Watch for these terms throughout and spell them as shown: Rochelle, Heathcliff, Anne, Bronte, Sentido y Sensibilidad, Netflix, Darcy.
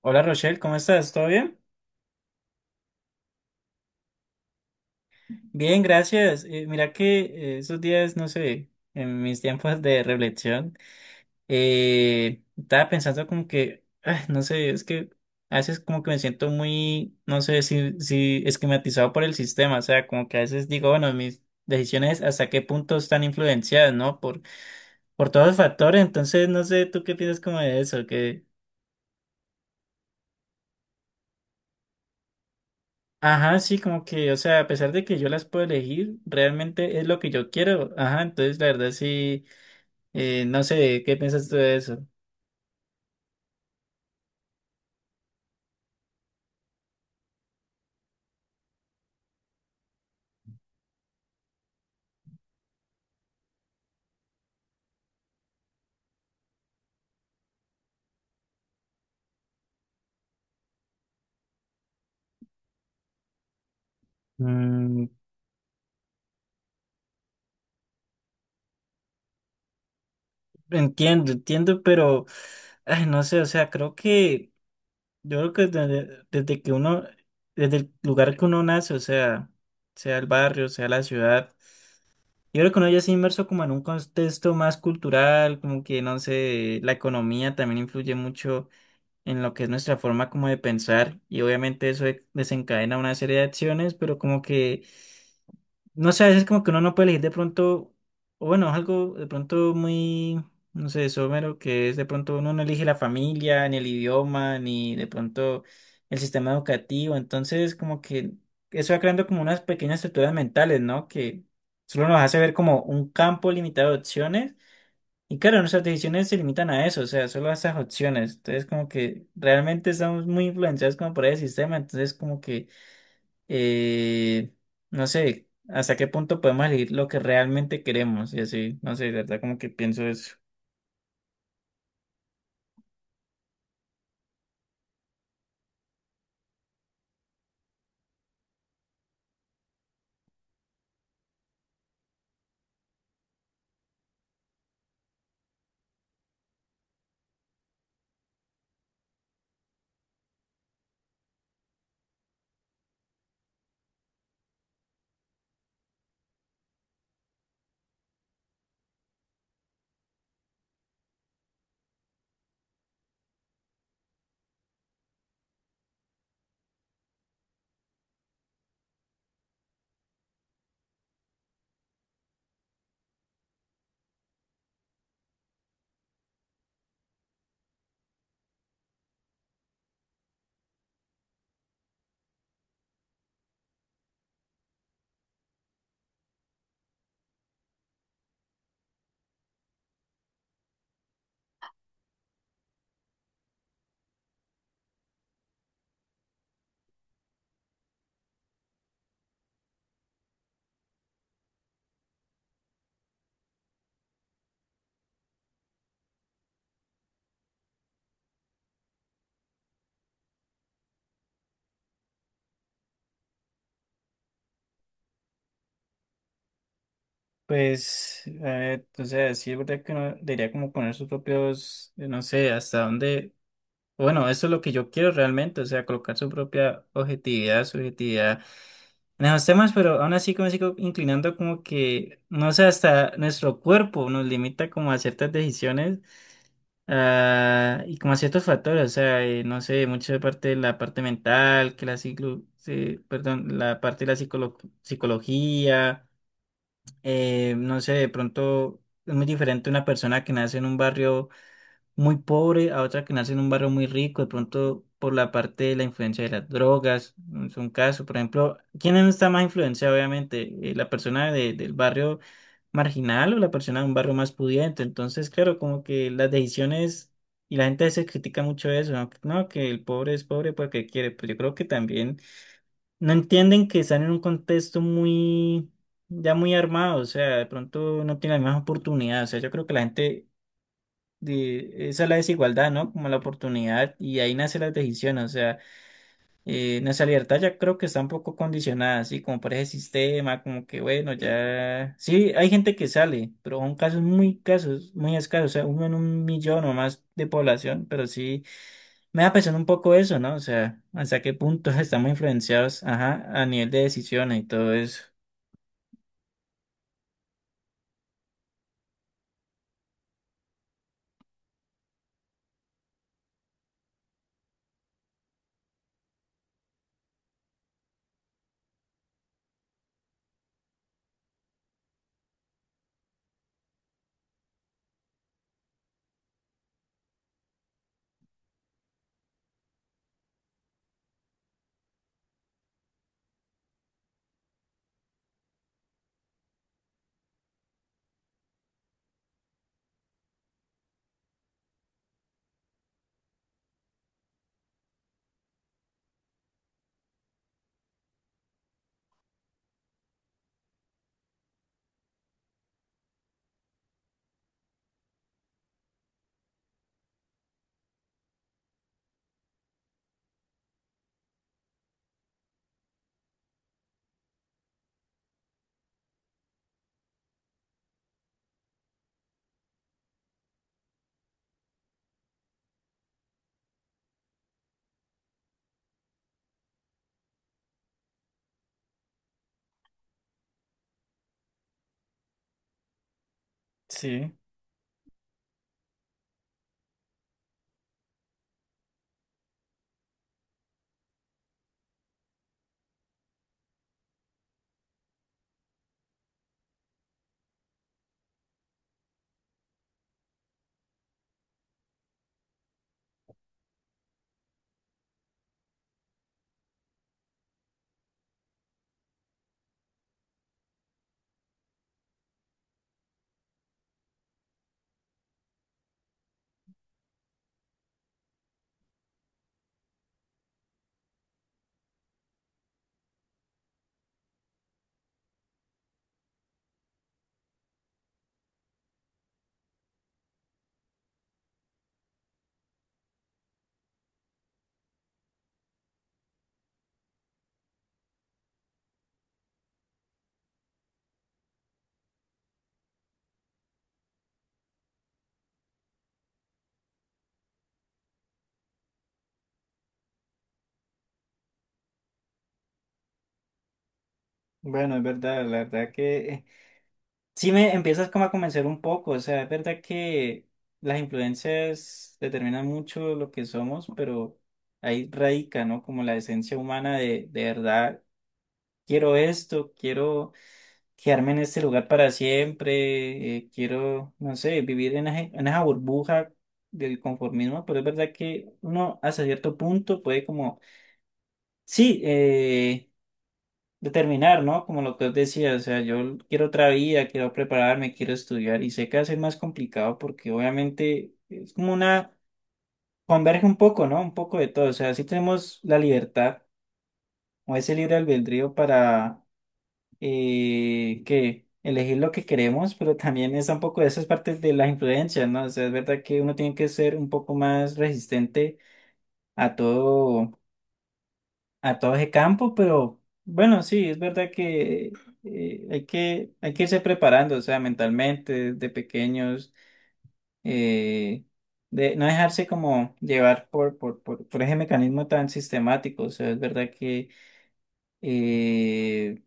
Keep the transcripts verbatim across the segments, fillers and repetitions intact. Hola Rochelle, ¿cómo estás? ¿Todo bien? Bien, gracias. Eh, mira que eh, esos días, no sé, en mis tiempos de reflexión, eh, estaba pensando como que, ah, no sé, es que a veces como que me siento muy, no sé si, si esquematizado por el sistema, o sea, como que a veces digo, bueno, mis decisiones hasta qué punto están influenciadas, ¿no? Por, por todos los factores, entonces no sé, ¿tú qué piensas como de eso? Ajá, sí, como que, o sea, a pesar de que yo las puedo elegir, realmente es lo que yo quiero. Ajá, entonces la verdad sí, eh, no sé, ¿qué piensas tú de eso? Mm, entiendo, entiendo, pero, ay, no sé, o sea, creo que, yo creo que desde, desde que uno, desde el lugar que uno nace, o sea, sea el barrio, sea la ciudad, yo creo que uno ya se inmerso como en un contexto más cultural, como que, no sé, la economía también influye mucho en lo que es nuestra forma como de pensar y obviamente eso de- desencadena una serie de acciones, pero como que, no sé, a veces como que uno no puede elegir de pronto, o bueno, es algo de pronto muy, no sé, somero, que es de pronto uno no elige la familia, ni el idioma, ni de pronto el sistema educativo, entonces como que eso va creando como unas pequeñas estructuras mentales, ¿no? Que solo nos hace ver como un campo limitado de opciones. Y claro, nuestras decisiones se limitan a eso, o sea, solo a esas opciones. Entonces, como que realmente estamos muy influenciados como por el sistema, entonces como que, eh, no sé, hasta qué punto podemos elegir lo que realmente queremos y así, no sé, de verdad como que pienso eso. Pues, a ver, o sea, sí es verdad que uno debería como poner sus propios, eh, no sé, hasta dónde, bueno, eso es lo que yo quiero realmente, o sea, colocar su propia objetividad, subjetividad en esos temas, pero aún así como me sigo inclinando como que, no sé, hasta nuestro cuerpo nos limita como a ciertas decisiones ah, y como a ciertos factores, o sea, eh, no sé, mucho de parte de la parte mental, que la ciclo, sí, perdón, la parte de la psicolo- psicología, eh, no sé, de pronto es muy diferente una persona que nace en un barrio muy pobre a otra que nace en un barrio muy rico, de pronto por la parte de la influencia de las drogas, mm, es un caso, por ejemplo, ¿quién no está más influenciado, obviamente? Eh, ¿La persona de- del barrio marginal o la persona de un barrio más pudiente? Entonces, claro, como que las decisiones, y la gente se critica mucho eso, ¿no? No, que el pobre es pobre porque quiere, pues yo creo que también no entienden que están en un contexto muy... Ya muy armado, o sea, de pronto no tienen las mismas oportunidades. O sea, yo creo que la gente de- esa es la desigualdad, ¿no? Como la oportunidad y ahí nacen las decisiones, o sea, eh, nuestra libertad ya creo que está un poco condicionada, así como por ese sistema, como que bueno, ya, sí, hay gente que sale, pero son casos muy casos, muy escasos, o sea, uno en un millón o más de población, pero sí, me da pensando un poco eso, ¿no? O sea, hasta qué punto estamos influenciados, ajá, a nivel de decisiones y todo eso. Sí. Bueno, es verdad, la verdad que sí me empiezas como a convencer un poco, o sea, es verdad que las influencias determinan mucho lo que somos, pero ahí radica, ¿no? Como la esencia humana de, de verdad, quiero esto, quiero quedarme en este lugar para siempre, eh, quiero, no sé, vivir en, aje- en esa burbuja del conformismo, pero es verdad que uno hasta cierto punto puede como, sí, eh, determinar, ¿no? Como lo que os decía, o sea, yo quiero otra vida, quiero prepararme, quiero estudiar y sé que va a ser más complicado porque obviamente es como una, converge un poco, ¿no? Un poco de todo, o sea, sí tenemos la libertad o ese libre albedrío para eh, que elegir lo que queremos, pero también está un poco de esas partes de las influencias, ¿no? O sea, es verdad que uno tiene que ser un poco más resistente a todo a todo ese campo, pero bueno, sí, es verdad que eh, hay que, hay que irse preparando, o sea, mentalmente, desde pequeños, eh, de no dejarse como llevar por, por, por, por ese mecanismo tan sistemático, o sea, es verdad que eh,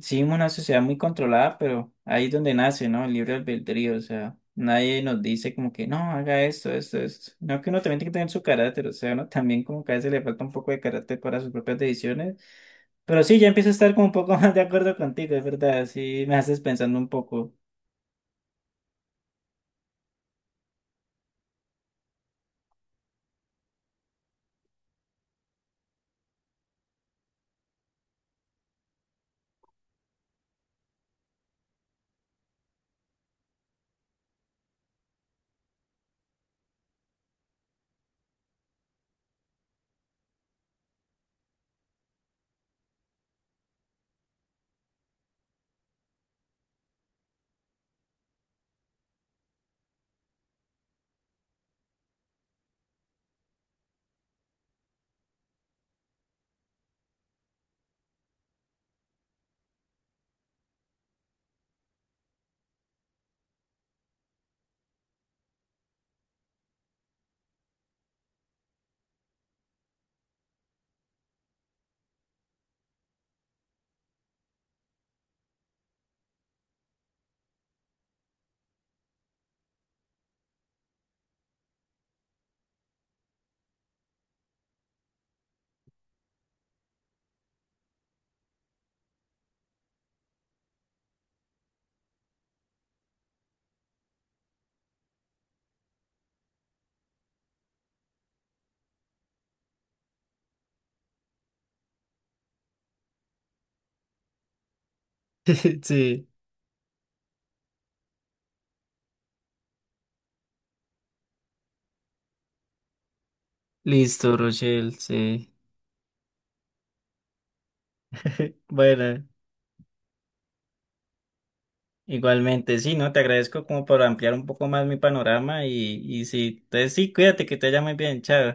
sí, vivimos una sociedad muy controlada, pero ahí es donde nace, ¿no? El libre albedrío, o sea. Nadie nos dice como que no, haga esto, esto, esto. No, que uno también tiene que tener su carácter, o sea, uno también como que a veces le falta un poco de carácter para sus propias decisiones. Pero sí, ya empiezo a estar como un poco más de acuerdo contigo, es verdad. Sí, me haces pensando un poco. Sí, listo, Rochelle, sí. Bueno, igualmente, sí, ¿no? Te agradezco como por ampliar un poco más mi panorama y, y sí, entonces sí, cuídate, que te vaya muy bien, chao.